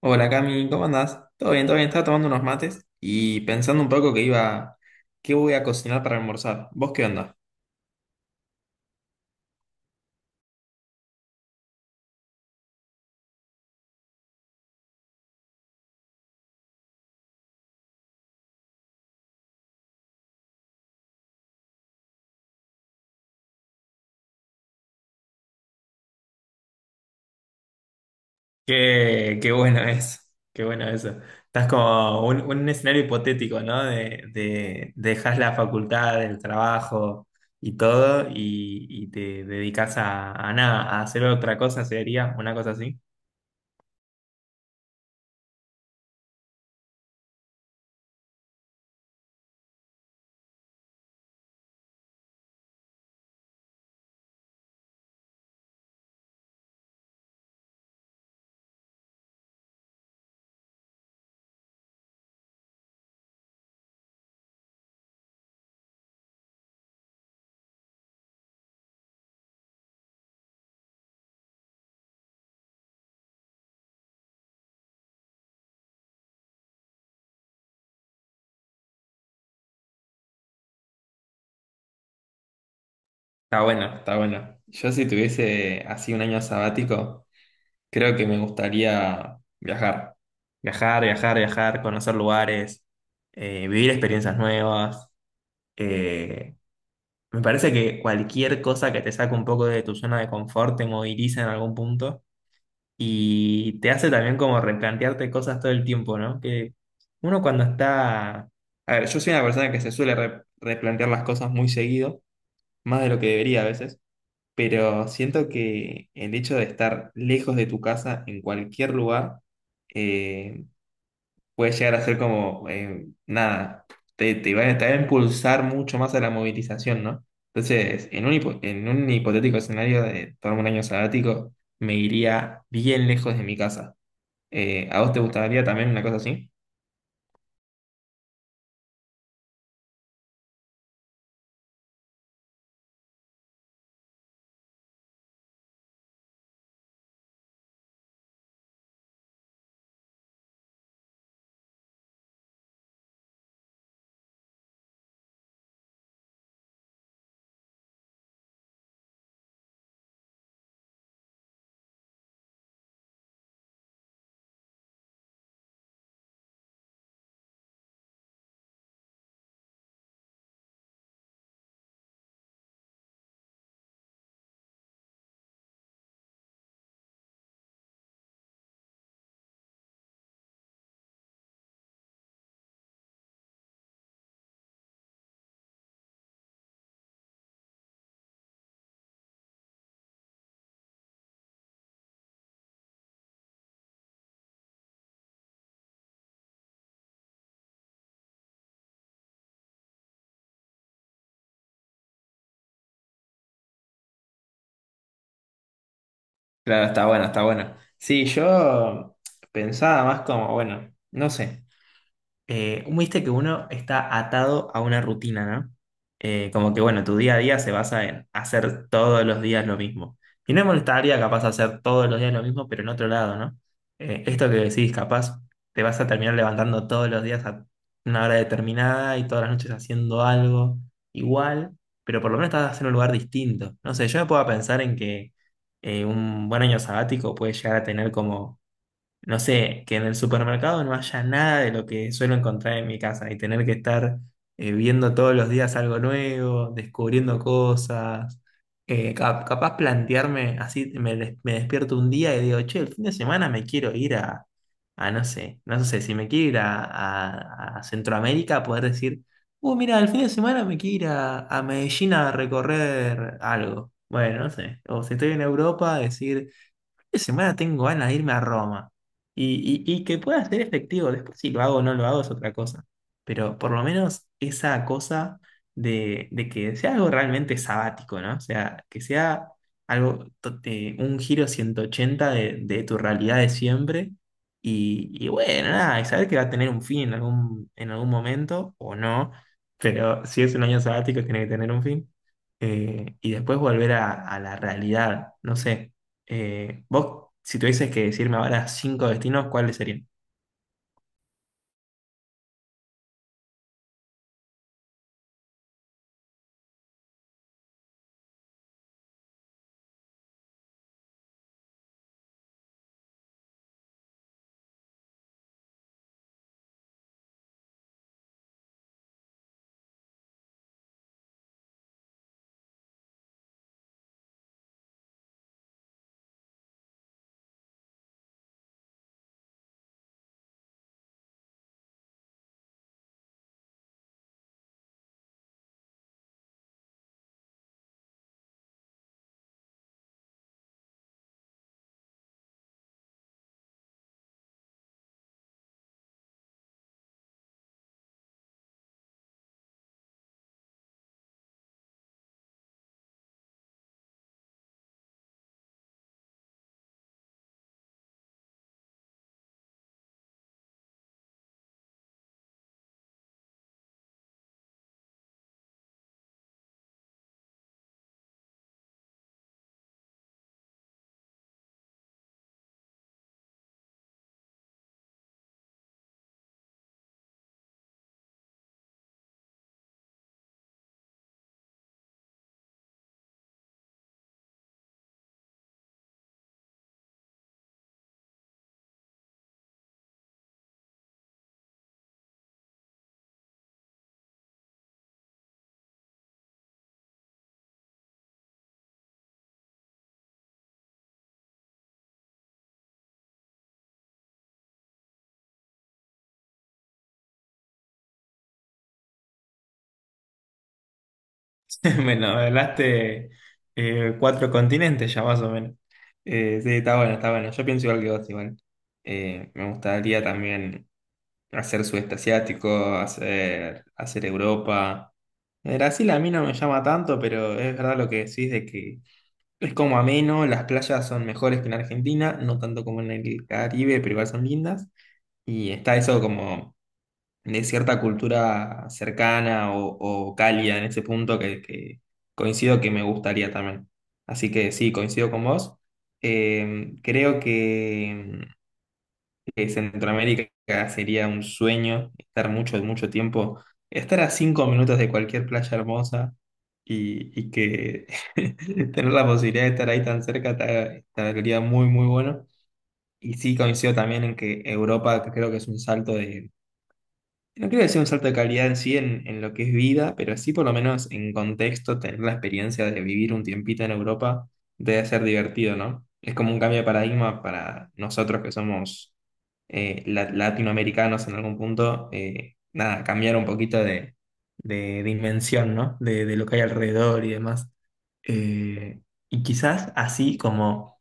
Hola Cami, ¿cómo andás? Todo bien, todo bien. Estaba tomando unos mates y pensando un poco qué voy a cocinar para almorzar. ¿Vos qué onda? Qué bueno eso, qué bueno eso. Estás como un escenario hipotético, ¿no? De dejas la facultad, el trabajo y todo y te dedicas a nada, a hacer otra cosa, sería una cosa así. Está bueno, está bueno. Yo si tuviese así un año sabático. Creo que me gustaría viajar. Viajar, viajar, viajar, conocer lugares, vivir experiencias nuevas. Eh, Me parece que cualquier cosa que te saque un poco de tu zona de confort te moviliza en algún punto y te hace también como replantearte cosas todo el tiempo, ¿no? Que uno cuando está... A ver, yo soy una persona que se suele replantear las cosas muy seguido, más de lo que debería a veces, pero siento que el hecho de estar lejos de tu casa en cualquier lugar eh, puede llegar a ser como, nada, te va a impulsar mucho más a la movilización, ¿no? Entonces, en un hipotético escenario de tomarme un año sabático, me iría bien lejos de mi casa. ¿A vos te gustaría también una cosa así? Claro, está bueno, está bueno. Sí, yo pensaba más como, bueno, no sé. Viste que uno está atado a una rutina, ¿no? Como que, bueno, tu día a día se basa en hacer todos los días lo mismo. Y no me molestaría capaz hacer todos los días lo mismo, pero en otro lado, ¿no? Esto que decís, capaz te vas a terminar levantando todos los días a una hora determinada y todas las noches haciendo algo igual, pero por lo menos estás en un lugar distinto. No sé, yo me puedo pensar en que un buen año sabático puede llegar a tener como no sé, que en el supermercado no haya nada de lo que suelo encontrar en mi casa y tener que estar viendo todos los días algo nuevo, descubriendo cosas, capaz plantearme así, me despierto un día y digo, che, el fin de semana me quiero ir a, si me quiero ir a, a Centroamérica, poder decir, mira, el fin de semana me quiero ir a Medellín a recorrer algo. Bueno, no sé, o si estoy en Europa, decir... Esta semana tengo ganas de irme a Roma. Y que pueda ser efectivo. Después si lo hago o no lo hago es otra cosa. Pero por lo menos esa cosa de que sea algo realmente sabático, ¿no? O sea, que sea algo, un giro 180 de tu realidad de siempre. Y bueno, nada, y saber que va a tener un fin en algún momento o no. Pero si es un año sabático, tiene que tener un fin. Y después volver a la realidad, no sé. Vos, si tuvieses que decirme ahora cinco destinos, ¿cuáles serían? Bueno, hablaste cuatro continentes ya más o menos. Sí, está bueno, está bueno. Yo pienso igual que vos, igual. Me gustaría también hacer sudeste asiático, hacer Europa. Brasil a mí no me llama tanto, pero es verdad lo que decís de que es como ameno, las playas son mejores que en Argentina, no tanto como en el Caribe, pero igual son lindas. Y está eso como de cierta cultura cercana o cálida en ese punto que coincido que me gustaría también. Así que sí, coincido con vos. Creo que Centroamérica sería un sueño estar mucho, mucho tiempo, estar a 5 minutos de cualquier playa hermosa y que tener la posibilidad de estar ahí tan cerca estaría muy, muy bueno. Y sí coincido también en que Europa creo que es un salto de no creo que sea un salto de calidad en sí en lo que es vida, pero sí por lo menos en contexto, tener la experiencia de vivir un tiempito en Europa debe ser divertido, ¿no? Es como un cambio de paradigma para nosotros que somos latinoamericanos en algún punto, nada, cambiar un poquito de dimensión, ¿no? De lo que hay alrededor y demás. Eh, y quizás así como...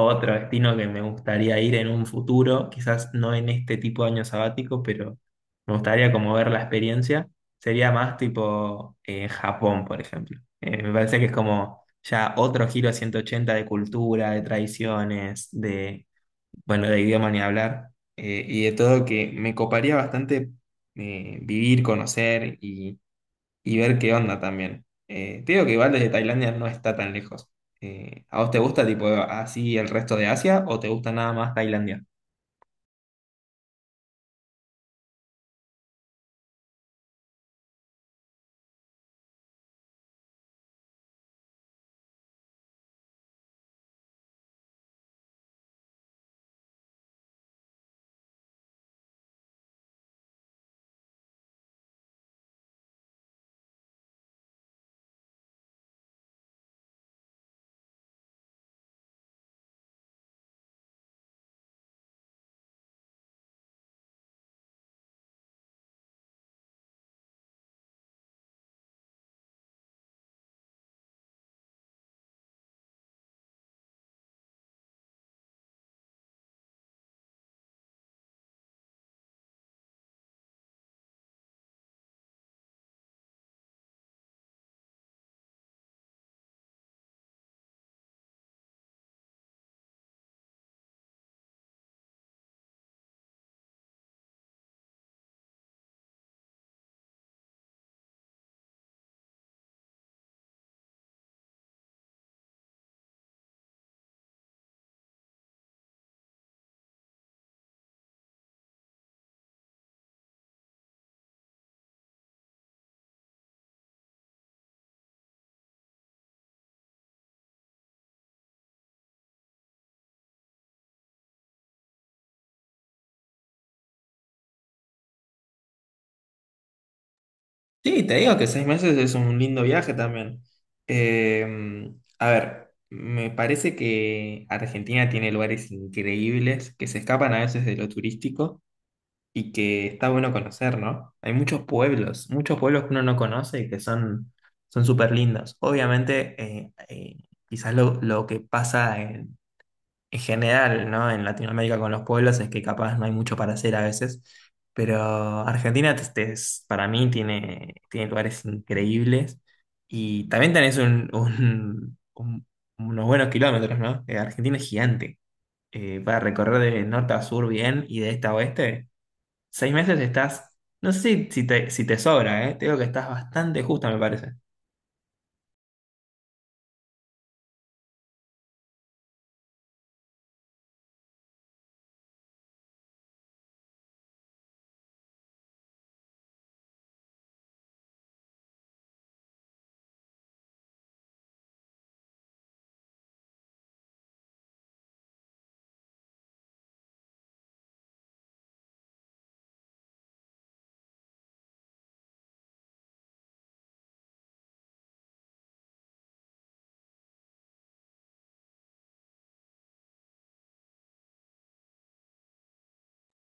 Otro destino que me gustaría ir en un futuro, quizás no en este tipo de año sabático, pero me gustaría como ver la experiencia, sería más tipo Japón, por ejemplo. Me parece que es como ya otro giro a 180 de cultura, de tradiciones, bueno, de idioma ni hablar, y de todo que me coparía bastante, vivir, conocer y ver qué onda también. Te digo que igual desde Tailandia no está tan lejos. ¿A vos te gusta tipo así el resto de Asia o te gusta nada más Tailandia? Sí, te digo que 6 meses es un lindo viaje también. Eh, a ver, me parece que Argentina tiene lugares increíbles que se escapan a veces de lo turístico y que está bueno conocer, ¿no? Hay muchos pueblos que uno no conoce y que son súper lindos. Obviamente, quizás lo que pasa en general, ¿no? En Latinoamérica con los pueblos es que capaz no hay mucho para hacer a veces, pero Argentina para mí tiene lugares increíbles y también tenés unos buenos kilómetros, ¿no? Argentina es gigante. Para recorrer de norte a sur bien y de este a oeste, 6 meses estás, no sé si te sobra, ¿eh? Te digo que estás bastante justa, me parece.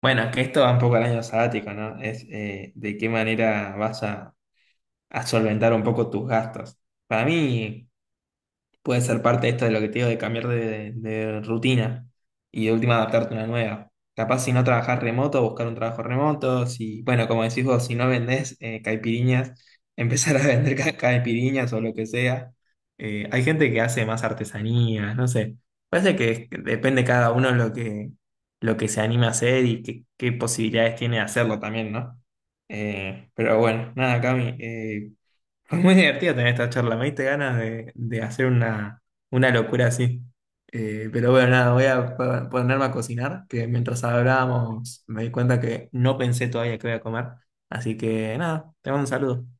Bueno, que esto va un poco al año sabático, ¿no? Es de qué manera vas a solventar un poco tus gastos. Para mí puede ser parte de esto de lo que te digo de cambiar de rutina y de última adaptarte a una nueva. Capaz si no trabajás remoto, buscar un trabajo remoto, si, bueno, como decís vos, si no vendés caipiriñas, empezar a vender caipiriñas o lo que sea. Hay gente que hace más artesanías, no sé. Parece que que depende cada uno lo que se anima a hacer y qué posibilidades tiene de hacerlo también, ¿no? Pero bueno, nada, Cami, fue muy divertido tener esta charla. Me diste ganas de hacer una locura así. Pero bueno, nada, voy a ponerme a cocinar, que mientras hablábamos me di cuenta que no pensé todavía qué voy a comer. Así que nada, te mando un saludo.